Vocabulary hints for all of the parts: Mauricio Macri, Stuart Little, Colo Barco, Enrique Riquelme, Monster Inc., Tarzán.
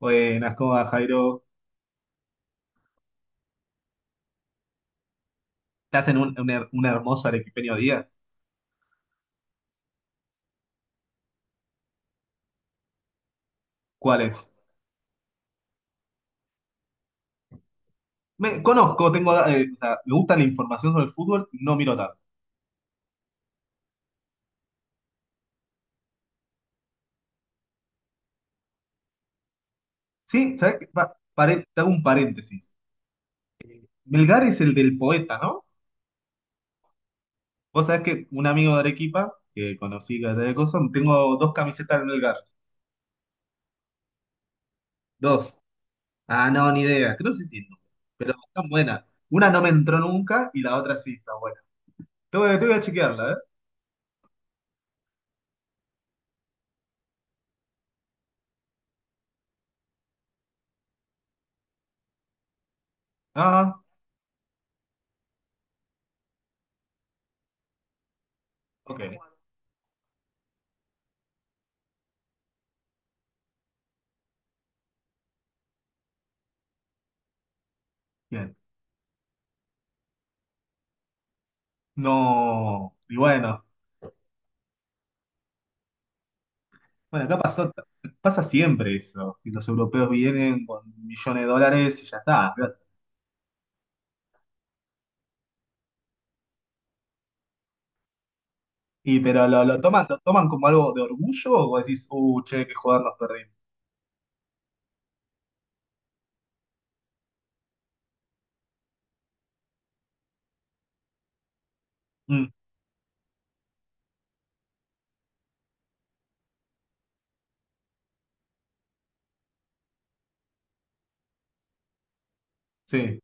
Buenas, ¿cómo va, Jairo? ¿Estás en un hermoso arequipeño día? ¿Cuál es? Me conozco, tengo, o sea, me gusta la información sobre el fútbol, no miro tanto. Sí, ¿sabes qué? Te hago un paréntesis. Melgar es el del poeta, ¿no? Vos sabés que un amigo de Arequipa, que conocí que era de cosas, tengo dos camisetas del Melgar. Dos. Ah, no, ni idea. Creo que sí tiene, pero están buenas. Una no me entró nunca y la otra sí está buena. Te voy a chequearla, ¿eh? Ah, ok. Bien. No. Y bueno. Bueno, pasa siempre eso, que los europeos vienen con millones de dólares y ya está. Y pero lo toman como algo de orgullo o decís, che, qué joder nos perdimos. Mm, sí,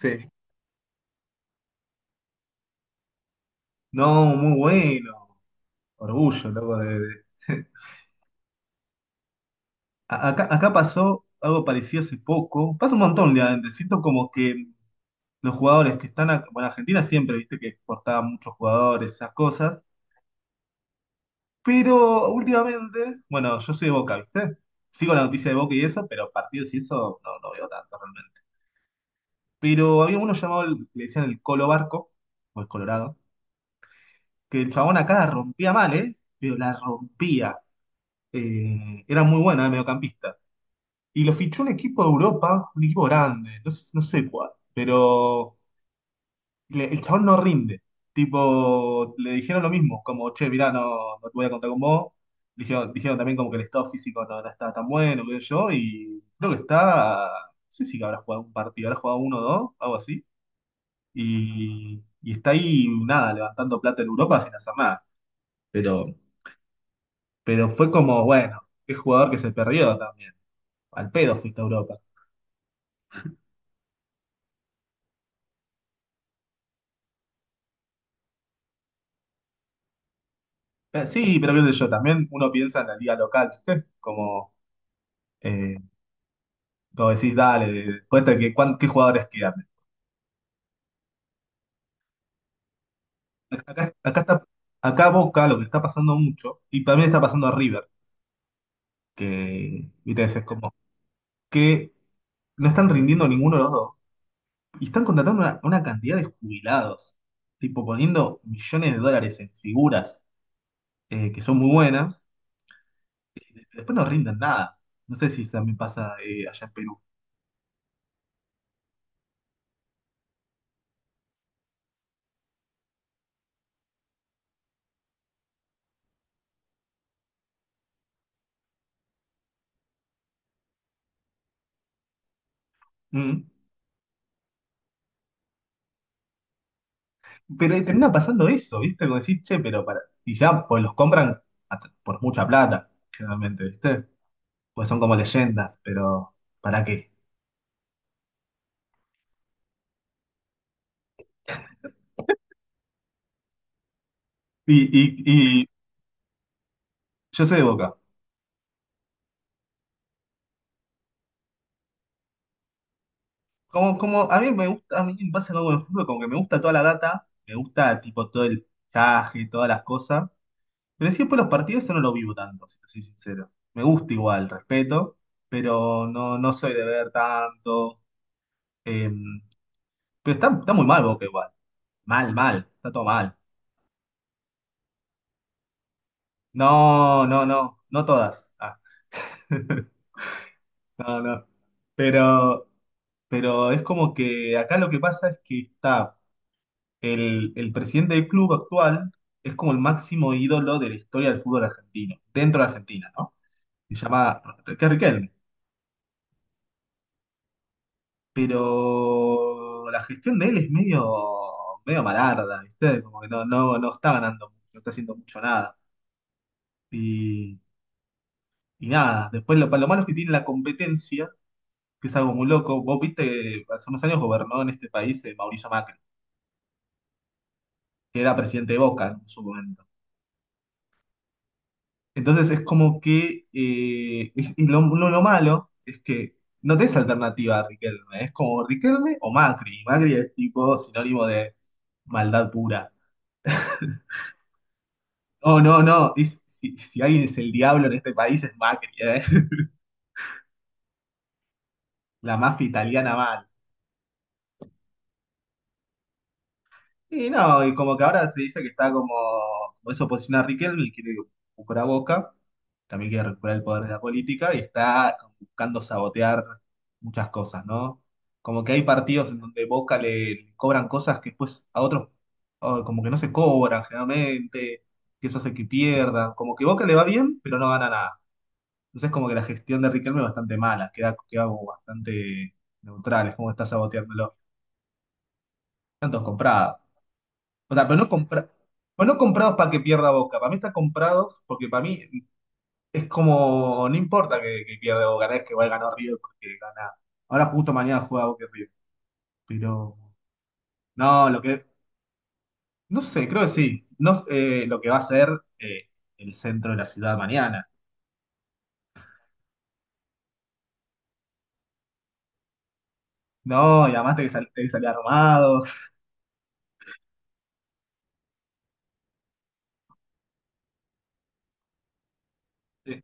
sí. No, muy bueno. Orgullo, loco, Acá, acá pasó algo parecido hace poco. Pasa un montón, realmente. Siento como que los jugadores que están acá, bueno, Argentina siempre, viste, que exportaba muchos jugadores, esas cosas. Pero últimamente, bueno, yo soy de Boca, ¿viste? Sigo la noticia de Boca y eso, pero partidos y eso no veo tanto realmente. Pero había uno llamado, le decían el Colo Barco, o el Colorado, que el chabón acá la rompía mal, ¿eh? Pero la rompía. Era muy buena, mediocampista. Y lo fichó un equipo de Europa, un equipo grande, no sé cuál. Pero el chabón no rinde. Tipo, le dijeron lo mismo, como, che, mirá, no te voy a contar con vos. Dijeron también como que el estado físico no está tan bueno, qué sé yo, y creo que está, no sé si habrá jugado un partido, habrá jugado uno o dos, algo así, y está ahí, nada, levantando plata en Europa sin hacer nada. Pero, pero fue como, bueno, qué jugador que se perdió también. Al pedo fuiste a Europa. Sí, pero qué sé yo, también uno piensa en la liga local, ¿viste? Como... eh, como decís, dale, cuenta que qué jugadores quedan. Acá, acá está, acá Boca lo que está pasando mucho, y también está pasando a River, que, viste, es como que no están rindiendo ninguno de los dos, y están contratando una cantidad de jubilados, tipo poniendo millones de dólares en figuras que son muy buenas, después no rinden nada. No sé si también pasa allá en Perú. Mm. Pero termina pasando eso, ¿viste? Como decís, che, pero para. Y ya pues los compran por mucha plata, generalmente, ¿viste? Pues son como leyendas, pero ¿para qué? Y, y, y yo soy de Boca. Como, como a mí me gusta, a mí me pasa algo en el fútbol, como que me gusta toda la data, me gusta tipo todo el traje, todas las cosas, pero siempre los partidos eso no lo vivo tanto, si te soy sincero. Me gusta igual, respeto, pero no soy de ver tanto. Eh, pero está, está muy mal Boca igual, mal, mal, está todo mal. No, no, no, no todas. Ah. No, no. Pero, pero es como que acá lo que pasa es que está el presidente del club actual, es como el máximo ídolo de la historia del fútbol argentino, dentro de Argentina, ¿no? Se llama Enrique Riquelme. Pero la gestión de él es medio, medio malarda, ¿viste? Como que no, no, no está ganando mucho, no está haciendo mucho nada. Y, y nada, después lo malo es que tiene la competencia, que es algo muy loco. Vos viste, hace unos años gobernó en este país Mauricio Macri. Que era presidente de Boca, ¿no?, en su momento. Entonces es como que, lo malo es que no tenés alternativa a Riquelme, es como Riquelme o Macri. Y Macri es tipo sinónimo de maldad pura. Oh, no, no, si, si alguien es el diablo en este país es Macri, ¿eh? La mafia italiana mal. Y no, y como que ahora se dice que está como, como es oposición a Riquelme y quiere recuperar Boca, también quiere recuperar el poder de la política y está buscando sabotear muchas cosas, ¿no? Como que hay partidos en donde Boca le cobran cosas que después a otros oh, como que no se cobran generalmente, que eso hace que pierdan, como que Boca le va bien, pero no gana nada. Entonces como que la gestión de Riquelme es bastante mala, queda, queda como bastante neutral, es como está saboteándolo. Tantos comprados. O sea, pero no, compra, pero no comprados para que pierda Boca. Para mí están comprados porque para mí es como, no importa que pierda Boca, no es que igual ganó River porque gana. Ahora justo mañana juega Boca y River. Pero, no, lo que, no sé, creo que sí. No, sé, lo que va a ser eh, el centro de la ciudad mañana. No, y además tenés que, tenés que salir armado. Eh,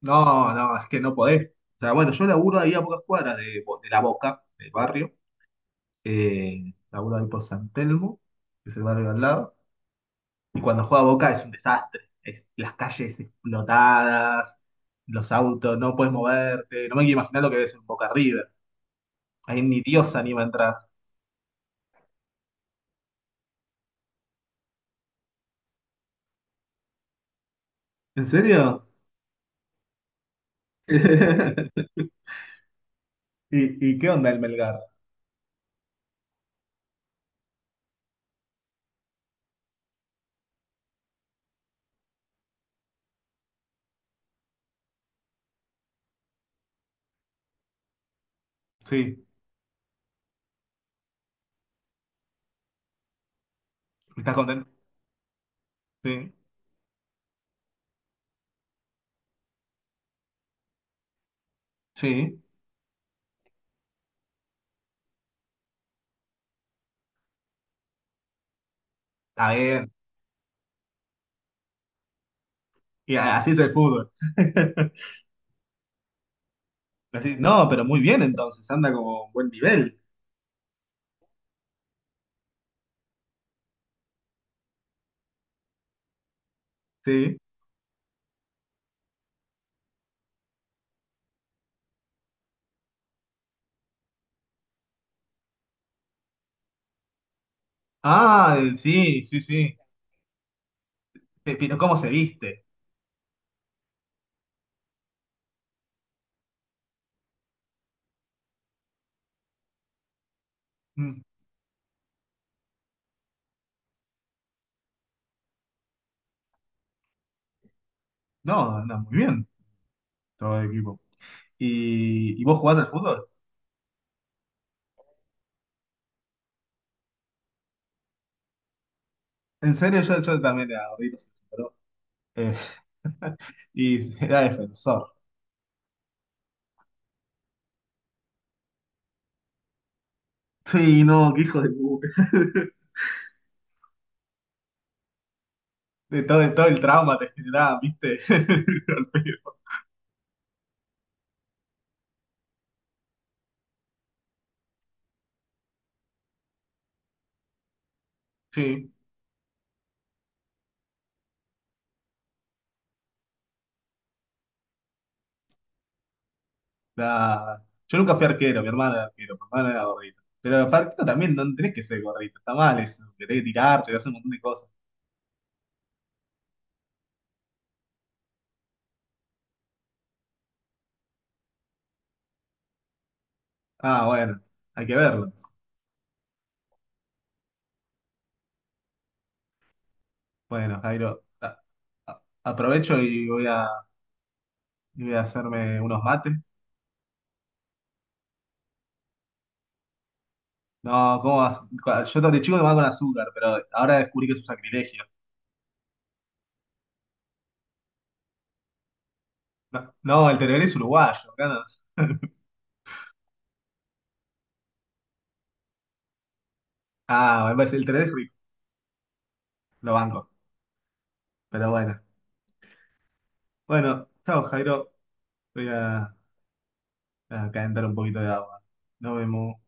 No, no, es que no podés. O sea, bueno, yo laburo ahí a pocas cuadras de, de la Boca, del barrio. Laburo ahí por San Telmo, que es el barrio de al lado. Y cuando juega Boca es un desastre. Las calles explotadas, los autos, no puedes moverte. No me quiero imaginar lo que ves en Boca River. Ahí ni Dios se anima a entrar. ¿En serio? ¿Y qué onda el Melgar? Sí. ¿Estás contento? Sí. Sí. Está bien. Y así es el fútbol. Así- no, pero muy bien entonces. Anda como un buen nivel. Sí. Ah, sí, sí, sí. Pero ¿cómo se viste? Mm. No, anda muy bien. Todo el equipo. Y vos jugás al fútbol. En serio, yo también era gordito, sí, sí, pero, eh, y era defensor. Sí, no, qué hijo de puta. De todo el trauma te generaba, ¿viste? Al pedo. Sí, la- yo nunca fui arquero, mi hermana era arquero, mi hermana era gordita. Pero arquero también no tenés que ser gordito, está mal eso, que tenés que tirarte, que hacer un montón de cosas. Ah, bueno, hay que verlo. Bueno, Jairo, aprovecho y voy a hacerme unos mates. No, ¿cómo vas? Yo de chico tomaba con azúcar, pero ahora descubrí que es un sacrilegio. No, no, el tereré es uruguayo, acá no. Ah, me parece, el tereré es rico, lo banco. Pero bueno. Bueno, chao, Jairo. Voy a calentar un poquito de agua. Nos vemos.